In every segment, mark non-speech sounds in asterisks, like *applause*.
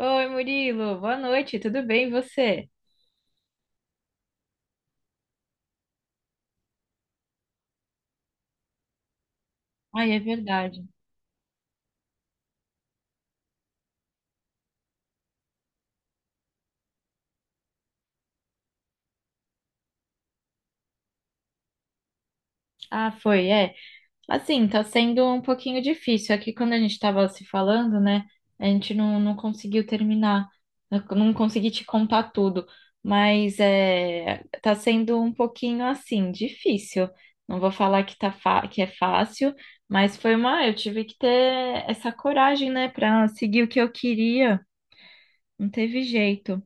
Oi, Murilo, boa noite, tudo bem e você? Ai, é verdade. Ah, foi, é. Assim, tá sendo um pouquinho difícil. Aqui, quando a gente tava se falando, né, a gente não conseguiu terminar, eu não consegui te contar tudo, mas é, tá sendo um pouquinho assim, difícil. Não vou falar que é fácil, mas foi uma. Eu tive que ter essa coragem, né, pra seguir o que eu queria, não teve jeito.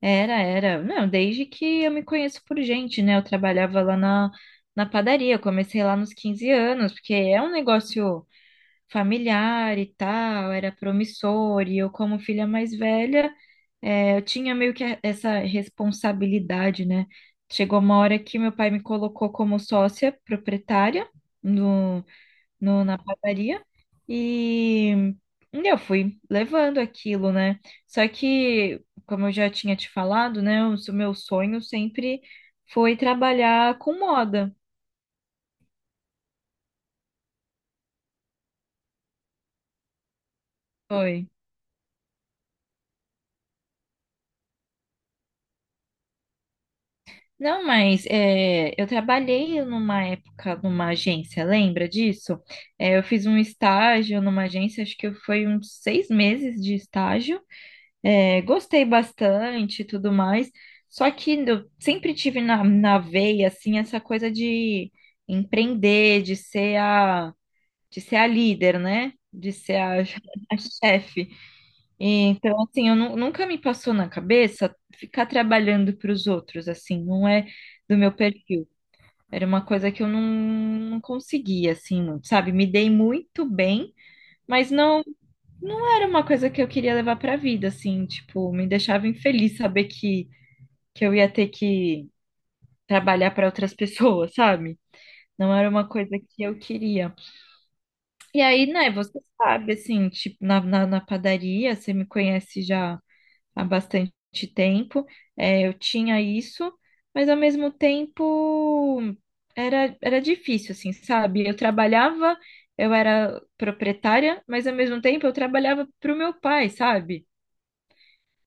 Era. Não, desde que eu me conheço por gente, né? Eu trabalhava lá na padaria, eu comecei lá nos 15 anos, porque é um negócio familiar e tal, era promissor, e eu, como filha mais velha, é, eu tinha meio que essa responsabilidade, né? Chegou uma hora que meu pai me colocou como sócia proprietária na padaria e eu fui levando aquilo, né? Só que, como eu já tinha te falado, né? O meu sonho sempre foi trabalhar com moda. Foi. Não, mas é, eu trabalhei numa época numa agência, lembra disso? É, eu fiz um estágio numa agência, acho que foi uns 6 meses de estágio. É, gostei bastante e tudo mais. Só que eu sempre tive na veia, assim, essa coisa de empreender, de ser a líder, né? De ser a, *laughs* a chefe. Então, assim, eu nunca me passou na cabeça ficar trabalhando para os outros, assim, não é do meu perfil. Era uma coisa que eu não conseguia, assim, muito, sabe? Me dei muito bem, mas não. Não era uma coisa que eu queria levar pra vida, assim, tipo, me deixava infeliz saber que eu ia ter que trabalhar para outras *laughs* pessoas, sabe? Não era uma coisa que eu queria. E aí, né, você sabe, assim, tipo, na padaria, você me conhece já há bastante tempo, é, eu tinha isso, mas ao mesmo tempo era difícil, assim, sabe? Eu trabalhava, eu era proprietária, mas ao mesmo tempo eu trabalhava pro meu pai, sabe?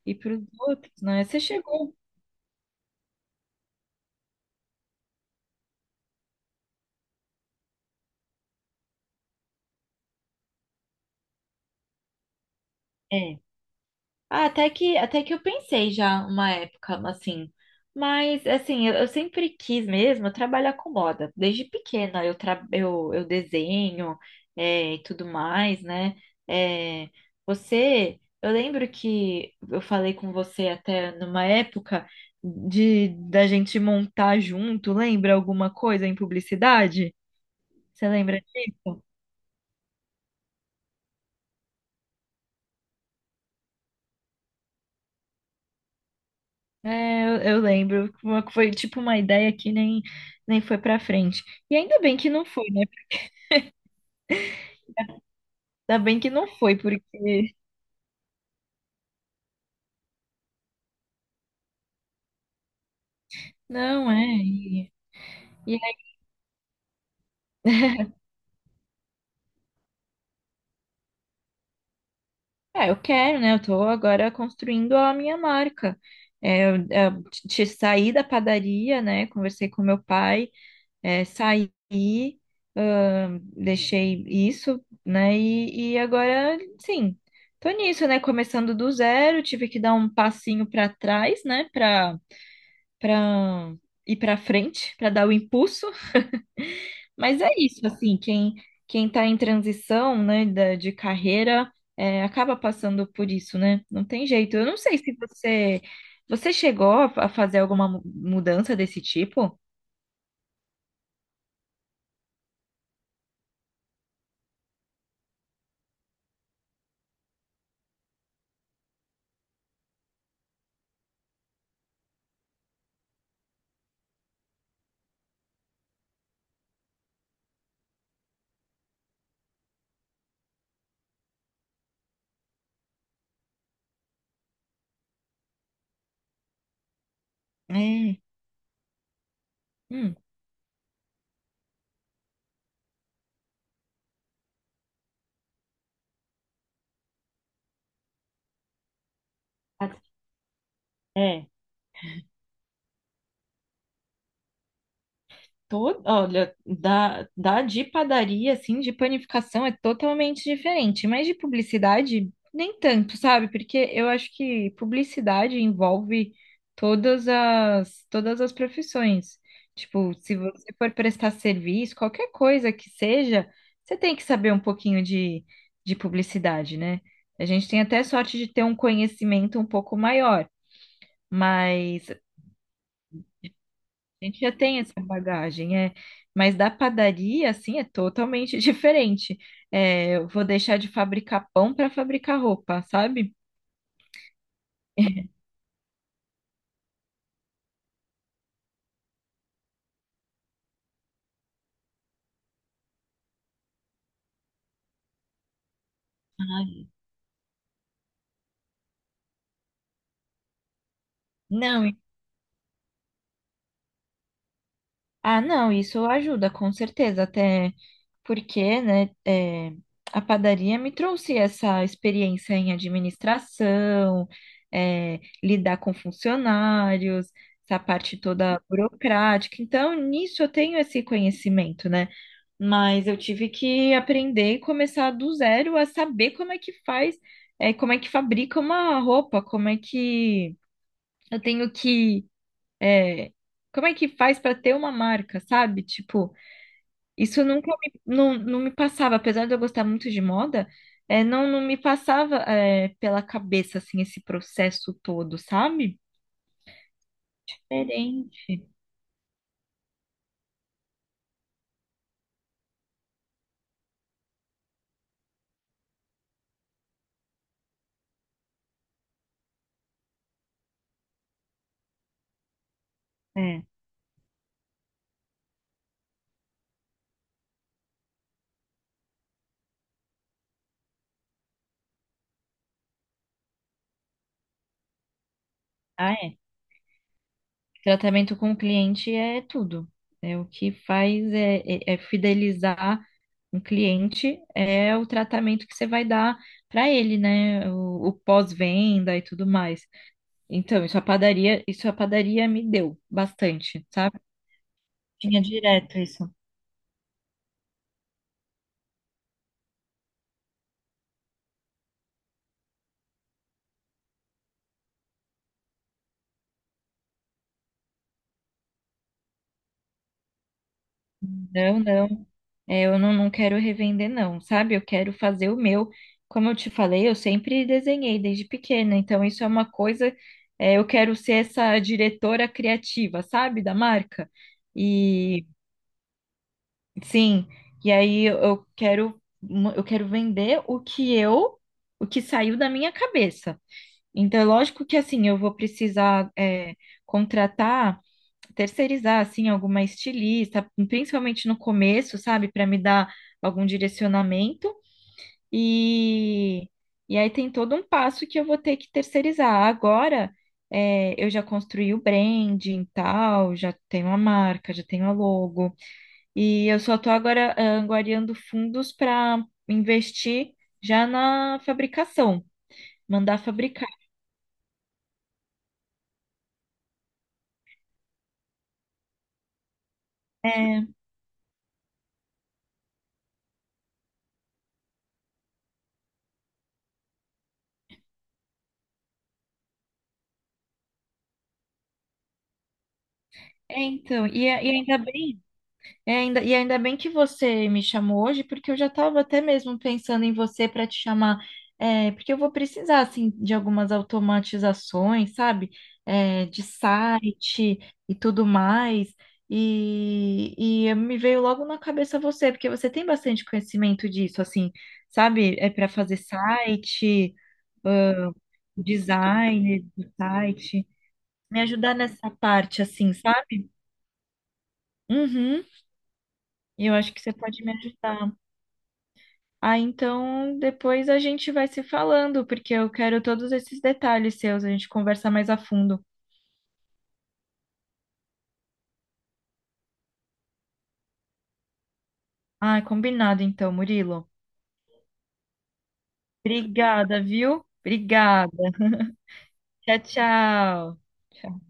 E para os outros, né? Você chegou. É. Ah, até que eu pensei já uma época, assim. Mas, assim, eu sempre quis mesmo trabalhar com moda. Desde pequena eu desenho é, e tudo mais, né? É, eu lembro que eu falei com você até numa época de da gente montar junto, lembra alguma coisa em publicidade? Você lembra disso? É, eu lembro. Foi tipo uma ideia que nem foi pra frente. E ainda bem que não foi, né? Ainda bem que não foi, porque. Não, é. E aí, é, eu quero, né? Eu tô agora construindo a minha marca. É, eu saí da padaria, né? Conversei com meu pai, é, saí, deixei isso, né? E agora, sim, tô nisso, né? Começando do zero, tive que dar um passinho pra trás, né? Pra para ir para frente, para dar o impulso. Mas é isso, assim, quem está em transição, né, de carreira, é, acaba passando por isso, né? Não tem jeito. Eu não sei se você chegou a fazer alguma mudança desse tipo. É. Hum. É. Todo, olha, da de padaria, assim, de panificação é totalmente diferente, mas de publicidade nem tanto, sabe? Porque eu acho que publicidade envolve todas as profissões. Tipo, se você for prestar serviço, qualquer coisa que seja, você tem que saber um pouquinho de publicidade, né? A gente tem até sorte de ter um conhecimento um pouco maior, mas a gente já tem essa bagagem, é. Mas da padaria, assim, é totalmente *laughs* diferente. É, eu vou deixar de fabricar pão para fabricar roupa, sabe? Não, ah, não, isso ajuda, com certeza, até porque, né, é, a padaria me trouxe essa experiência em administração, é, lidar com funcionários, essa parte toda burocrática. Então, nisso eu tenho esse conhecimento, né? Mas eu tive que aprender e começar do zero a saber como é que faz, é, como é que fabrica uma roupa, como é que eu tenho que, é, como é que faz para ter uma marca, sabe? Tipo, isso nunca me, não me passava, apesar de eu gostar muito de moda, é, não me passava, é, pela cabeça, assim, esse processo todo, sabe? Diferente. É. Ah, é. Tratamento com o cliente é tudo. É o que faz é, é fidelizar um cliente, é o tratamento que você vai dar para ele, né? O pós-venda e tudo mais. Então, isso a padaria me deu bastante, sabe? Tinha direto isso. Não, não. É, eu não quero revender, não, sabe? Eu quero fazer o meu. Como eu te falei, eu sempre desenhei desde pequena, então isso é uma coisa. É, eu quero ser essa diretora criativa, sabe? Da marca. E sim, e aí eu quero vender o que saiu da minha cabeça. Então, é lógico que assim, eu vou precisar, é, contratar terceirizar assim alguma estilista, principalmente no começo, sabe, para me dar algum direcionamento e e aí tem todo um passo que eu vou ter que terceirizar. Agora é, eu já construí o branding e tal, já tenho a marca, já tenho a logo e eu só estou agora ah, angariando fundos para investir já na fabricação, mandar fabricar. É, então, e ainda bem que você me chamou hoje, porque eu já estava até mesmo pensando em você para te chamar, é, porque eu vou precisar assim de algumas automatizações, sabe? É, de site e tudo mais. E, e me veio logo na cabeça você, porque você tem bastante conhecimento disso, assim, sabe? É para fazer site, design do site, me ajudar nessa parte, assim, sabe? Uhum, eu acho que você pode me ajudar. Ah, então depois a gente vai se falando, porque eu quero todos esses detalhes seus, a gente conversa mais a fundo. Ah, combinado então, Murilo. Obrigada, viu? Obrigada. Tchau, tchau. Tchau.